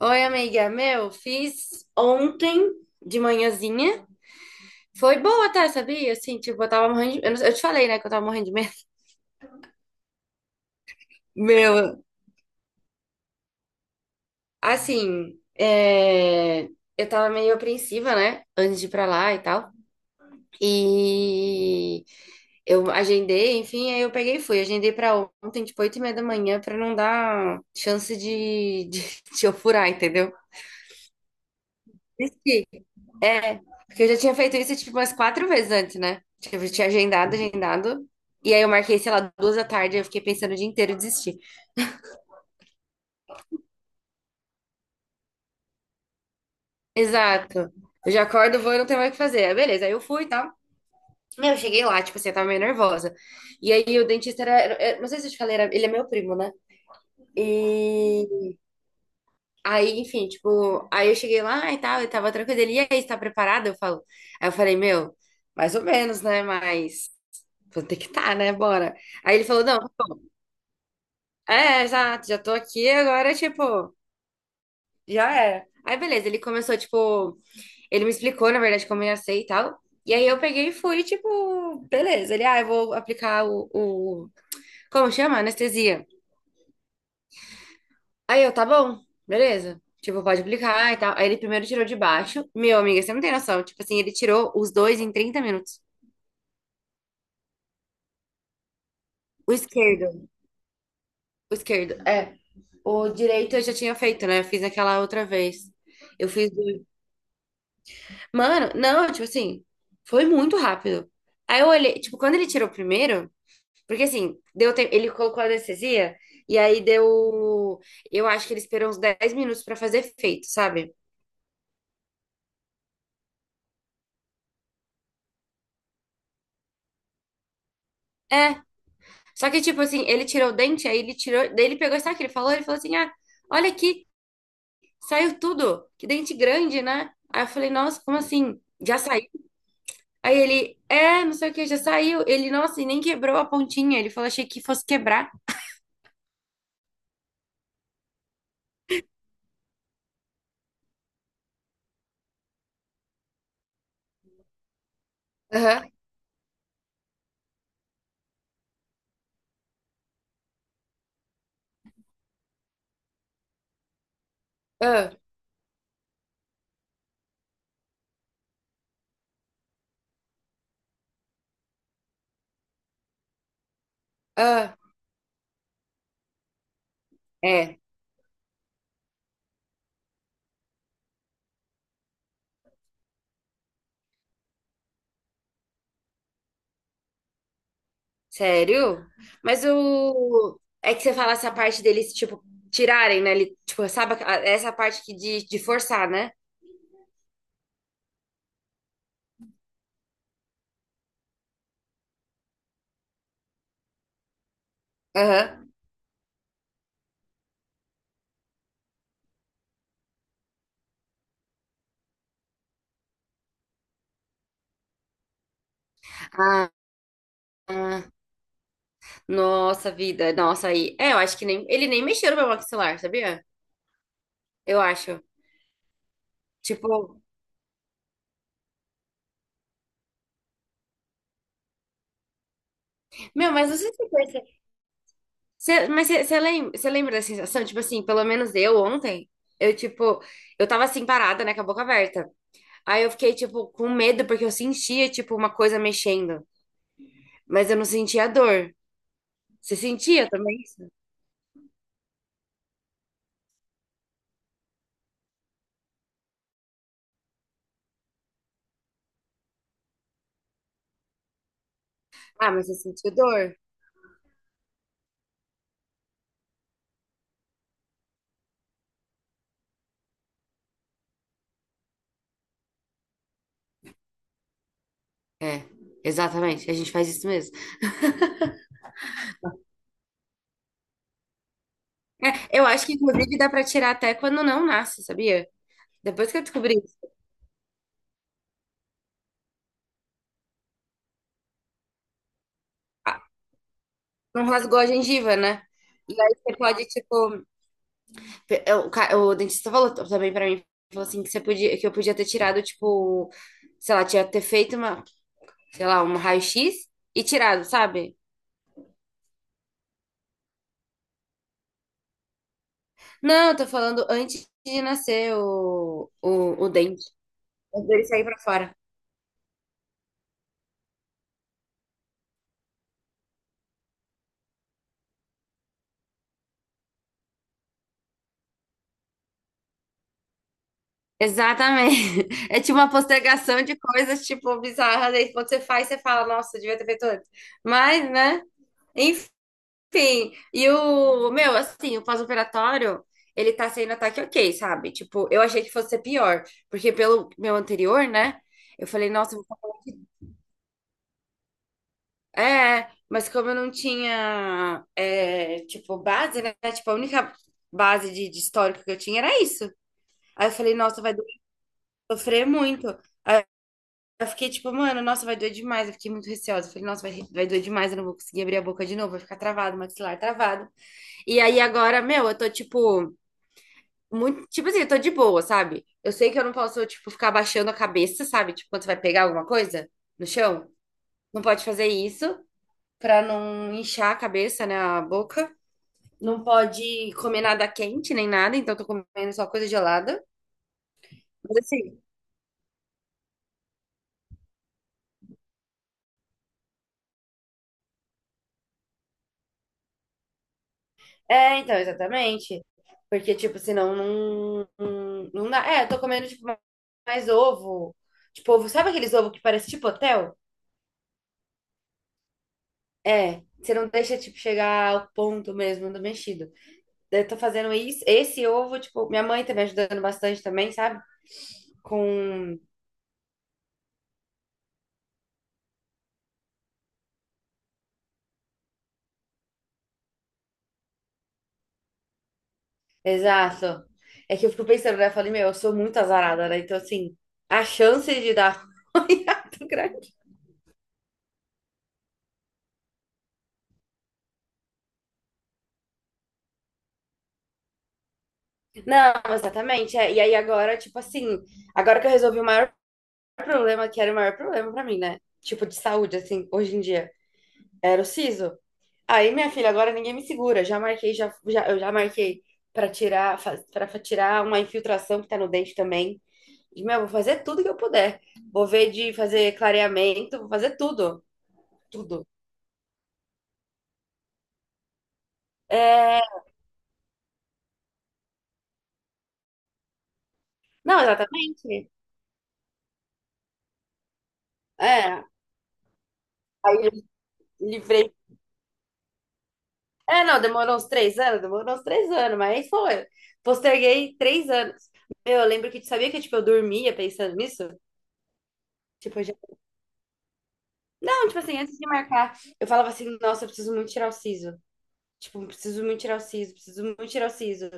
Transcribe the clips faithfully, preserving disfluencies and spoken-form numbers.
Oi, amiga. Meu, fiz ontem de manhãzinha. Foi boa até, sabia? Assim, tipo, eu tava morrendo de... Eu, não- eu te falei, né, que eu tava morrendo de medo. Meu, assim, é, eu tava meio apreensiva, né, antes de ir pra lá e tal. E eu agendei, enfim, aí eu peguei e fui. Agendei pra ontem, tipo, oito e meia da manhã, pra não dar chance de, de, de eu furar, entendeu? É, porque eu já tinha feito isso tipo umas quatro vezes antes, né? Tipo, eu tinha agendado, agendado. E aí eu marquei, sei lá, duas da tarde, eu fiquei pensando o dia inteiro e desisti. Exato. Eu já acordo, vou e não tenho mais o que fazer. Aí, beleza, aí eu fui e tal. Meu, eu cheguei lá, tipo assim, eu tava meio nervosa. E aí o dentista era, era- não sei se eu te falei, era- ele é meu primo, né? E aí, enfim, tipo, aí eu cheguei lá e tal, eu tava tranquila. Ele, e aí, você tá preparada? Eu falo. Aí eu falei, meu, mais ou menos, né? Mas vou ter que estar, tá, né? Bora. Aí ele falou, não. É, exato, já tô aqui agora, tipo, já era. Aí, beleza, ele começou, tipo, ele me explicou, na verdade, como eu ia ser e tal. E aí eu peguei e fui, tipo, beleza. Ele, ah, eu vou aplicar o, o, como chama? Anestesia. Aí eu, tá bom, beleza. Tipo, pode aplicar e tal. Aí ele primeiro tirou de baixo. Meu, amiga, você não tem noção. Tipo assim, ele tirou os dois em trinta minutos. O esquerdo, o esquerdo, é. O direito eu já tinha feito, né? Eu fiz aquela outra vez. Eu fiz. Mano, não, tipo assim, foi muito rápido. Aí eu olhei, tipo, quando ele tirou o primeiro, porque assim, deu tempo, ele colocou a anestesia e aí deu, eu acho que ele esperou uns dez minutos pra fazer efeito, sabe? É, só que tipo assim, ele tirou o dente, aí ele tirou, daí ele pegou, sabe o que ele falou? Ele falou assim: "Ah, olha aqui, saiu tudo. Que dente grande, né?" Aí eu falei: "Nossa, como assim? Já saiu?" Aí ele: "É, não sei o que, já saiu." Ele: "Nossa, e nem quebrou a pontinha." Ele falou: "Achei que fosse quebrar." Aham. Ah, ah. É. Sério? Mas o. É que você fala essa parte deles, tipo, tirarem, né? Ele, tipo, sabe, aquela- essa parte que de, de forçar, né? Aham. Ah, ah, nossa vida, nossa aí. É, eu acho que nem. Ele nem mexeu no meu maxilar, sabia? Eu acho. Tipo, meu, mas não sei se você percebe. Você, mas você, você lembra, você lembra da sensação? Tipo assim, pelo menos eu ontem, eu, tipo, eu tava assim parada, né, com a boca aberta. Aí eu fiquei, tipo, com medo, porque eu sentia, tipo, uma coisa mexendo. Mas eu não sentia dor. Você sentia também isso? Ah, mas você sentiu dor? É, exatamente. A gente faz isso mesmo. É, eu acho que, inclusive, dá pra tirar até quando não nasce, sabia? Depois que eu descobri isso, ah, não rasgou a gengiva, né? E aí você pode, tipo. pe- é, O, ca- o dentista falou t- também pra mim, falou assim, que você podia, que eu podia ter tirado, tipo, sei lá, tinha ter feito uma, sei lá, um raio-x e tirado, sabe? Não, eu tô falando antes de nascer o, o, o dente, antes dele sair pra fora. Exatamente. É tipo uma postergação de coisas, tipo, bizarras. Aí quando você faz, você fala, nossa, devia ter feito antes. Mas, né? Enfim. E o, meu, assim, o pós-operatório, ele tá sendo ataque ok, sabe? Tipo, eu achei que fosse ser pior. Porque pelo meu anterior, né? Eu falei, nossa, eu vou ficar é, mas como eu não tinha, é, tipo, base, né? Tipo, a única base de, de histórico que eu tinha era isso. Aí eu falei, nossa, vai doer, sofrer muito. Eu fiquei tipo, mano, nossa, vai doer demais. Eu fiquei muito receosa. Eu falei, nossa, vai, vai doer demais. Eu não vou conseguir abrir a boca de novo. Vai ficar travado, maxilar travado. E aí agora, meu, eu tô tipo, muito, tipo assim, eu tô de boa, sabe? Eu sei que eu não posso, tipo, ficar abaixando a cabeça, sabe? Tipo, quando você vai pegar alguma coisa no chão. Não pode fazer isso pra não inchar a cabeça, né? A boca. Não pode comer nada quente nem nada. Então, eu tô comendo só coisa gelada. Mas assim. É, então, exatamente. Porque, tipo, senão não, não, não dá. É, eu tô comendo, tipo, mais ovo. Tipo, ovo, sabe aqueles ovos que parece tipo hotel? É, você não deixa, tipo, chegar ao ponto mesmo do mexido. Daí eu tô fazendo isso, esse ovo, tipo, minha mãe tá me ajudando bastante também, sabe? Com. Exato. É que eu fico pensando, né? Eu falei, meu, eu sou muito azarada, né? Então, assim, a chance de dar ruim é muito grande. Não, exatamente. É. E aí agora, tipo assim, agora que eu resolvi o maior problema, que era o maior problema pra mim, né? Tipo, de saúde, assim, hoje em dia. Era o siso. Aí, minha filha, agora ninguém me segura. Já marquei, já, já, Eu já marquei pra tirar, faz- pra tirar uma infiltração que tá no dente também. E, meu, vou fazer tudo que eu puder. Vou ver de fazer clareamento, vou fazer tudo. Tudo. É... Não, exatamente. É. Aí eu livrei. É, não, demorou uns três anos, demorou uns três anos, mas aí foi. Posterguei três anos. Meu, eu lembro que, tipo, sabia que, tipo, eu dormia pensando nisso? Tipo, não, tipo assim, antes de marcar, eu falava assim, nossa, eu preciso muito tirar o siso. Tipo, preciso muito tirar o siso, preciso muito tirar o siso.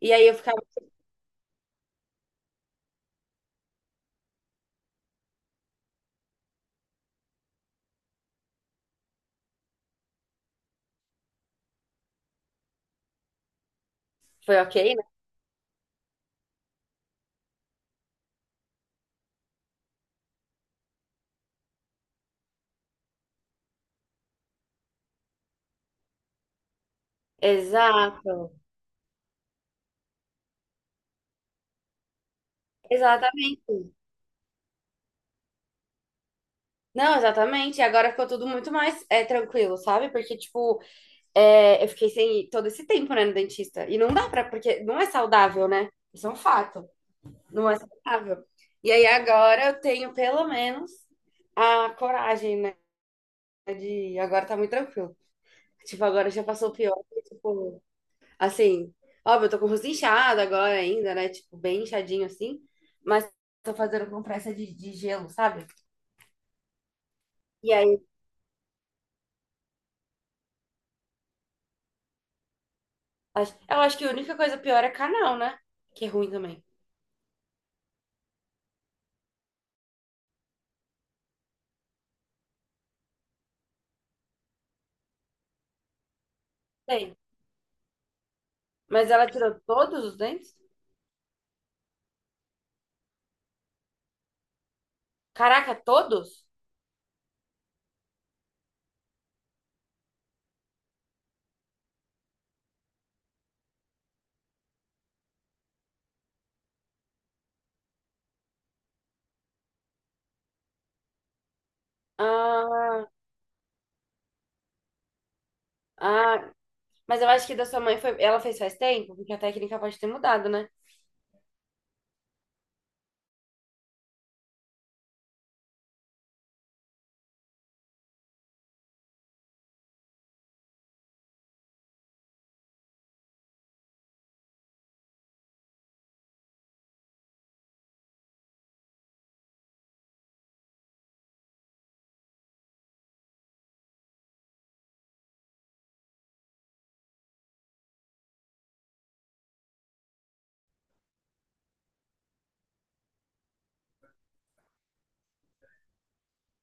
E aí eu ficava, foi ok, né? Exato, exatamente. Não, exatamente. E agora ficou tudo muito mais é, tranquilo, sabe? Porque, tipo, é, eu fiquei sem ir todo esse tempo, né, no dentista. E não dá pra, porque não é saudável, né? Isso é um fato. Não é saudável. E aí agora eu tenho pelo menos a coragem, né? De agora tá muito tranquilo. Tipo, agora já passou o pior. Tipo, assim, óbvio, eu tô com o rosto inchado agora ainda, né? Tipo, bem inchadinho assim. Mas tô fazendo compressa de, de gelo, sabe? E aí, acho- eu acho que a única coisa pior é canal, né? Que é ruim também. Tem. Mas ela tirou todos os dentes? Caraca, todos? Ah, ah. Mas eu acho que da sua mãe foi. Ela fez faz tempo, porque a técnica pode ter mudado, né?